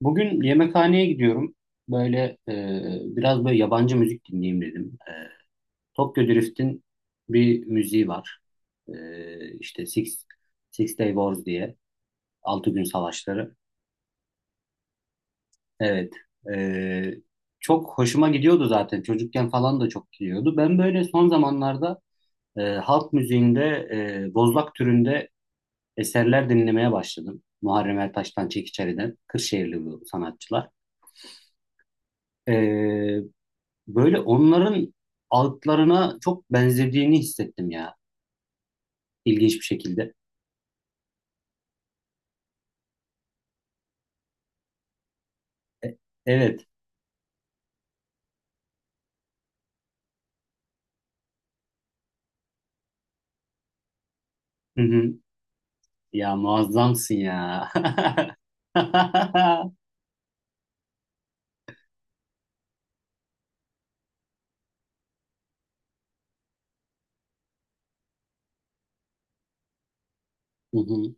Bugün yemekhaneye gidiyorum. Böyle biraz böyle yabancı müzik dinleyeyim dedim. Tokyo Drift'in bir müziği var. İşte Six Day Wars diye. Altı gün savaşları. Evet. E, çok hoşuma gidiyordu zaten. Çocukken falan da çok gidiyordu. Ben böyle son zamanlarda halk müziğinde bozlak türünde eserler dinlemeye başladım. Muharrem Ertaş'tan, Çekiçeri'den. Kırşehirli bu sanatçılar. E, Böyle onların altlarına çok benzediğini hissettim ya. İlginç bir şekilde. E- evet. Hı hı. Ya muazzamsın ya. Hı hı,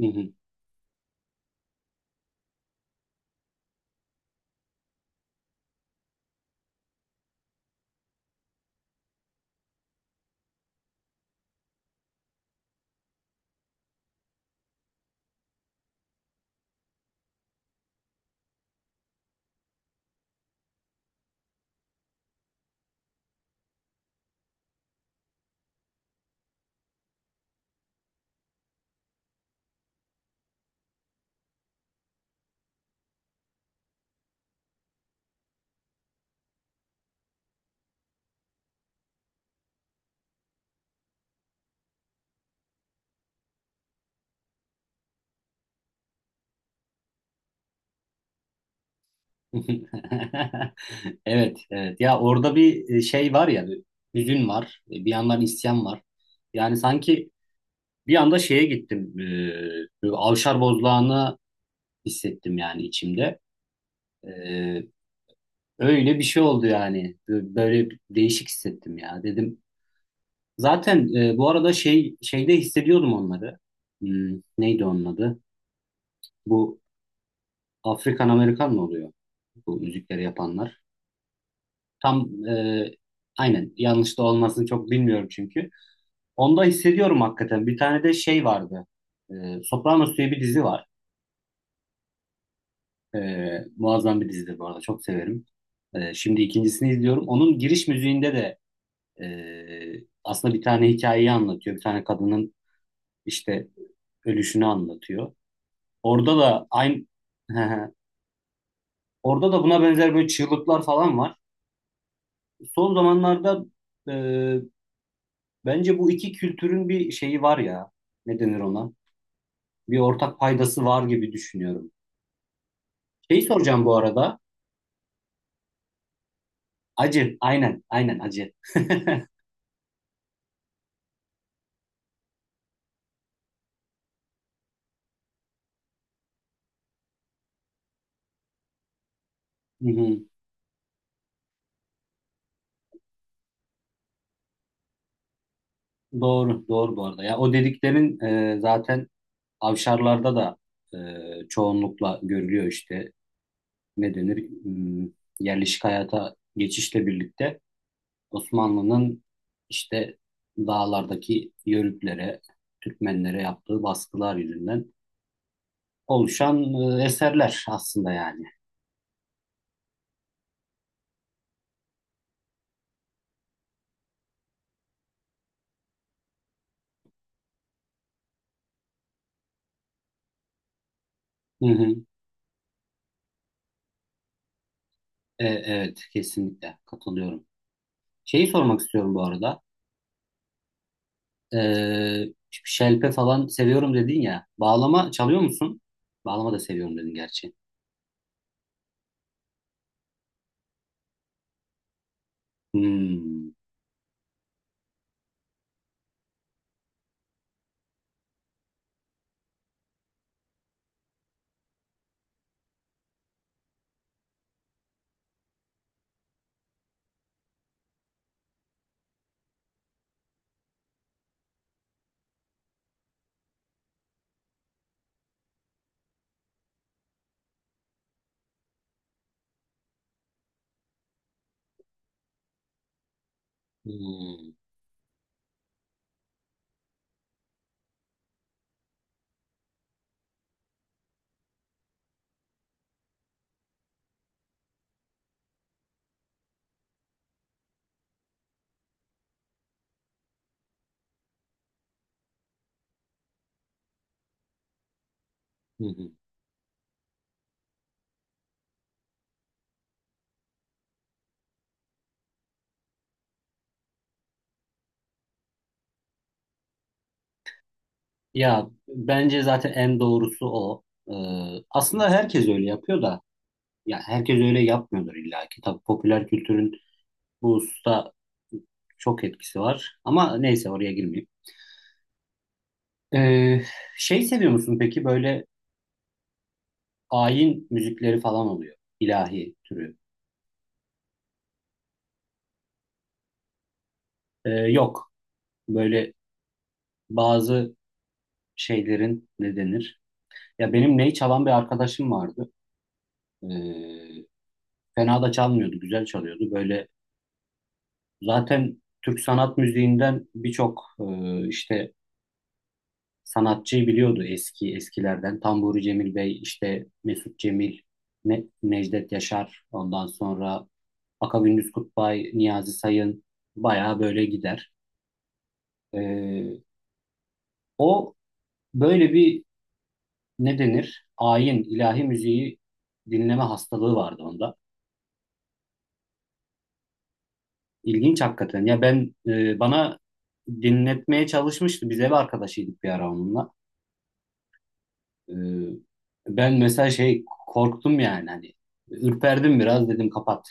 hı hı, hı hı. Evet, evet. Ya orada bir şey var ya, bir hüzün var, bir yandan isyan var. Yani sanki bir anda şeye gittim, böyle Avşar Bozlağı'nı hissettim yani içimde. E, öyle bir şey oldu yani. Böyle değişik hissettim ya. Dedim zaten bu arada şey şeyde hissediyordum onları. Hmm, neydi onun adı? Bu Afrikan Amerikan mı oluyor? Bu müzikleri yapanlar. Tam aynen yanlış da olmasını çok bilmiyorum çünkü. Onda hissediyorum hakikaten. Bir tane de şey vardı. E, Sopranos diye bir dizi var. E, muazzam bir dizidir bu arada. Çok severim. Şimdi ikincisini izliyorum. Onun giriş müziğinde de aslında bir tane hikayeyi anlatıyor. Bir tane kadının işte ölüşünü anlatıyor. Orada da aynı orada da buna benzer böyle çığlıklar falan var. Son zamanlarda e, bence bu iki kültürün bir şeyi var ya. Ne denir ona? Bir ortak paydası var gibi düşünüyorum. Şeyi soracağım bu arada. Acı. Aynen. Aynen acı. Hı hı. Doğru. Doğru bu arada. Ya o dediklerin zaten avşarlarda da çoğunlukla görülüyor işte. Ne denir? Hmm, yerleşik hayata geçişle birlikte. Osmanlı'nın işte dağlardaki Yörüklere, Türkmenlere yaptığı baskılar yüzünden oluşan eserler aslında yani. Hı hı. Evet, kesinlikle katılıyorum. Şeyi sormak istiyorum bu arada. E, şelpe falan seviyorum dedin ya. Bağlama çalıyor musun? Bağlama da seviyorum dedin gerçi. Hmm. Hmm. Hı hı. Ya bence zaten en doğrusu o. E, aslında herkes öyle yapıyor da. Ya herkes öyle yapmıyordur illa ki. Tabii popüler kültürün bu hususta çok etkisi var. Ama neyse oraya girmeyeyim. Ee, şey seviyor musun peki böyle ayin müzikleri falan oluyor. İlahi türü. Yok. Böyle bazı şeylerin ne denir? Ya benim ney çalan bir arkadaşım vardı. Ee, fena da çalmıyordu. Güzel çalıyordu. Böyle zaten Türk sanat müziğinden birçok işte sanatçıyı biliyordu eski eskilerden. Tamburi Cemil Bey, işte Mesut Cemil, Necdet Yaşar, ondan sonra Akagündüz Kutbay, Niyazi Sayın bayağı böyle gider. Ee, o böyle bir ne denir? Ayin, ilahi müziği dinleme hastalığı vardı onda. İlginç hakikaten. Ya ben bana dinletmeye çalışmıştı. Biz ev arkadaşıydık bir ara onunla. Ee, ben mesela şey korktum yani hani ürperdim biraz dedim kapat.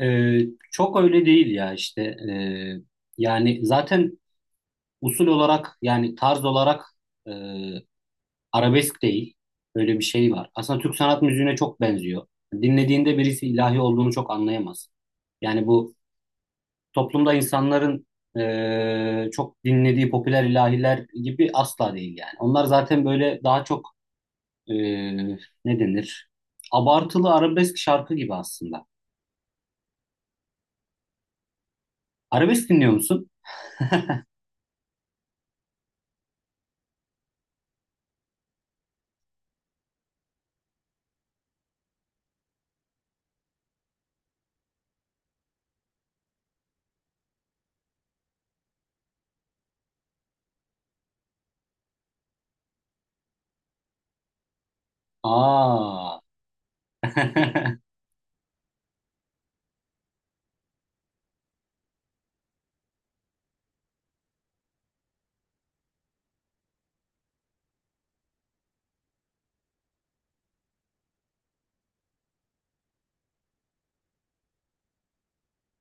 Ee, çok öyle değil ya işte. Yani zaten usul olarak yani tarz olarak e, arabesk değil öyle bir şey var. Aslında Türk sanat müziğine çok benziyor. Dinlediğinde birisi ilahi olduğunu çok anlayamaz. Yani bu toplumda insanların çok dinlediği popüler ilahiler gibi asla değil yani. Onlar zaten böyle daha çok e, ne denir? Abartılı arabesk şarkı gibi aslında. Arabesk dinliyor musun? Aa.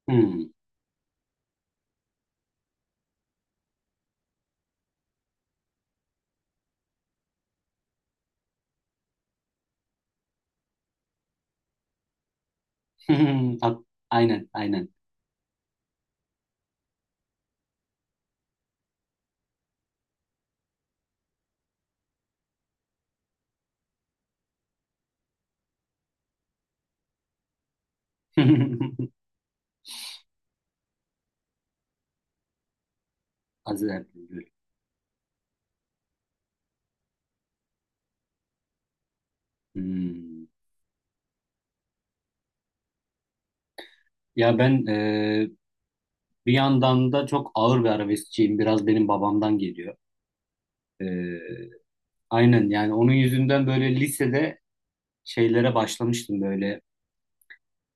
Hmm. At- aynen, aynen. Azerbaycan. Hmm. Ya ben bir yandan da çok ağır bir arabeskçiyim. Biraz benim babamdan geliyor. E, aynen yani onun yüzünden böyle lisede şeylere başlamıştım böyle.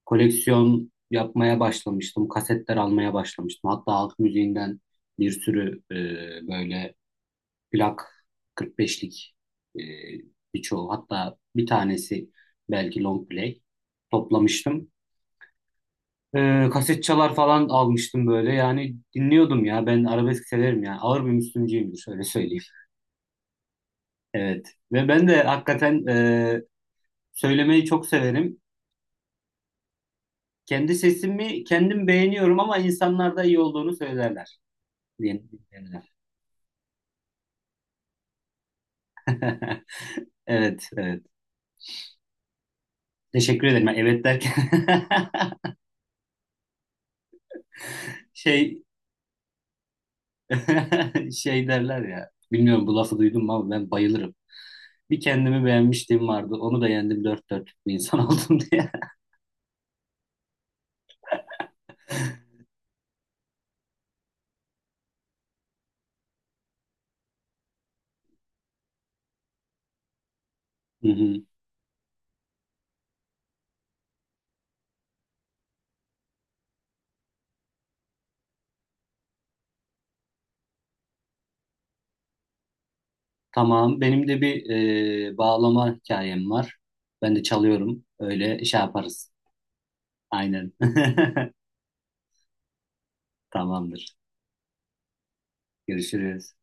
Koleksiyon yapmaya başlamıştım. Kasetler almaya başlamıştım. Hatta halk müziğinden bir sürü böyle plak 45'lik e, birçoğu hatta bir tanesi belki long play toplamıştım. Kaset çalar falan almıştım böyle yani dinliyordum ya ben arabesk severim yani ağır bir Müslümcüyümdür öyle söyleyeyim. Evet ve ben de hakikaten söylemeyi çok severim. Kendi sesimi kendim beğeniyorum ama insanlar da iyi olduğunu söylerler. Diye- evet, evet. Teşekkür ederim. Ben evet derken şey şey derler ya. Bilmiyorum bu lafı duydun mu ama ben bayılırım. Bir kendimi beğenmişliğim vardı. Onu da yendim dört dörtlük bir insan oldum diye. Hı hı. Tamam. Benim de bir bağlama hikayem var. Ben de çalıyorum. Öyle şey yaparız. Aynen. Tamamdır. Görüşürüz.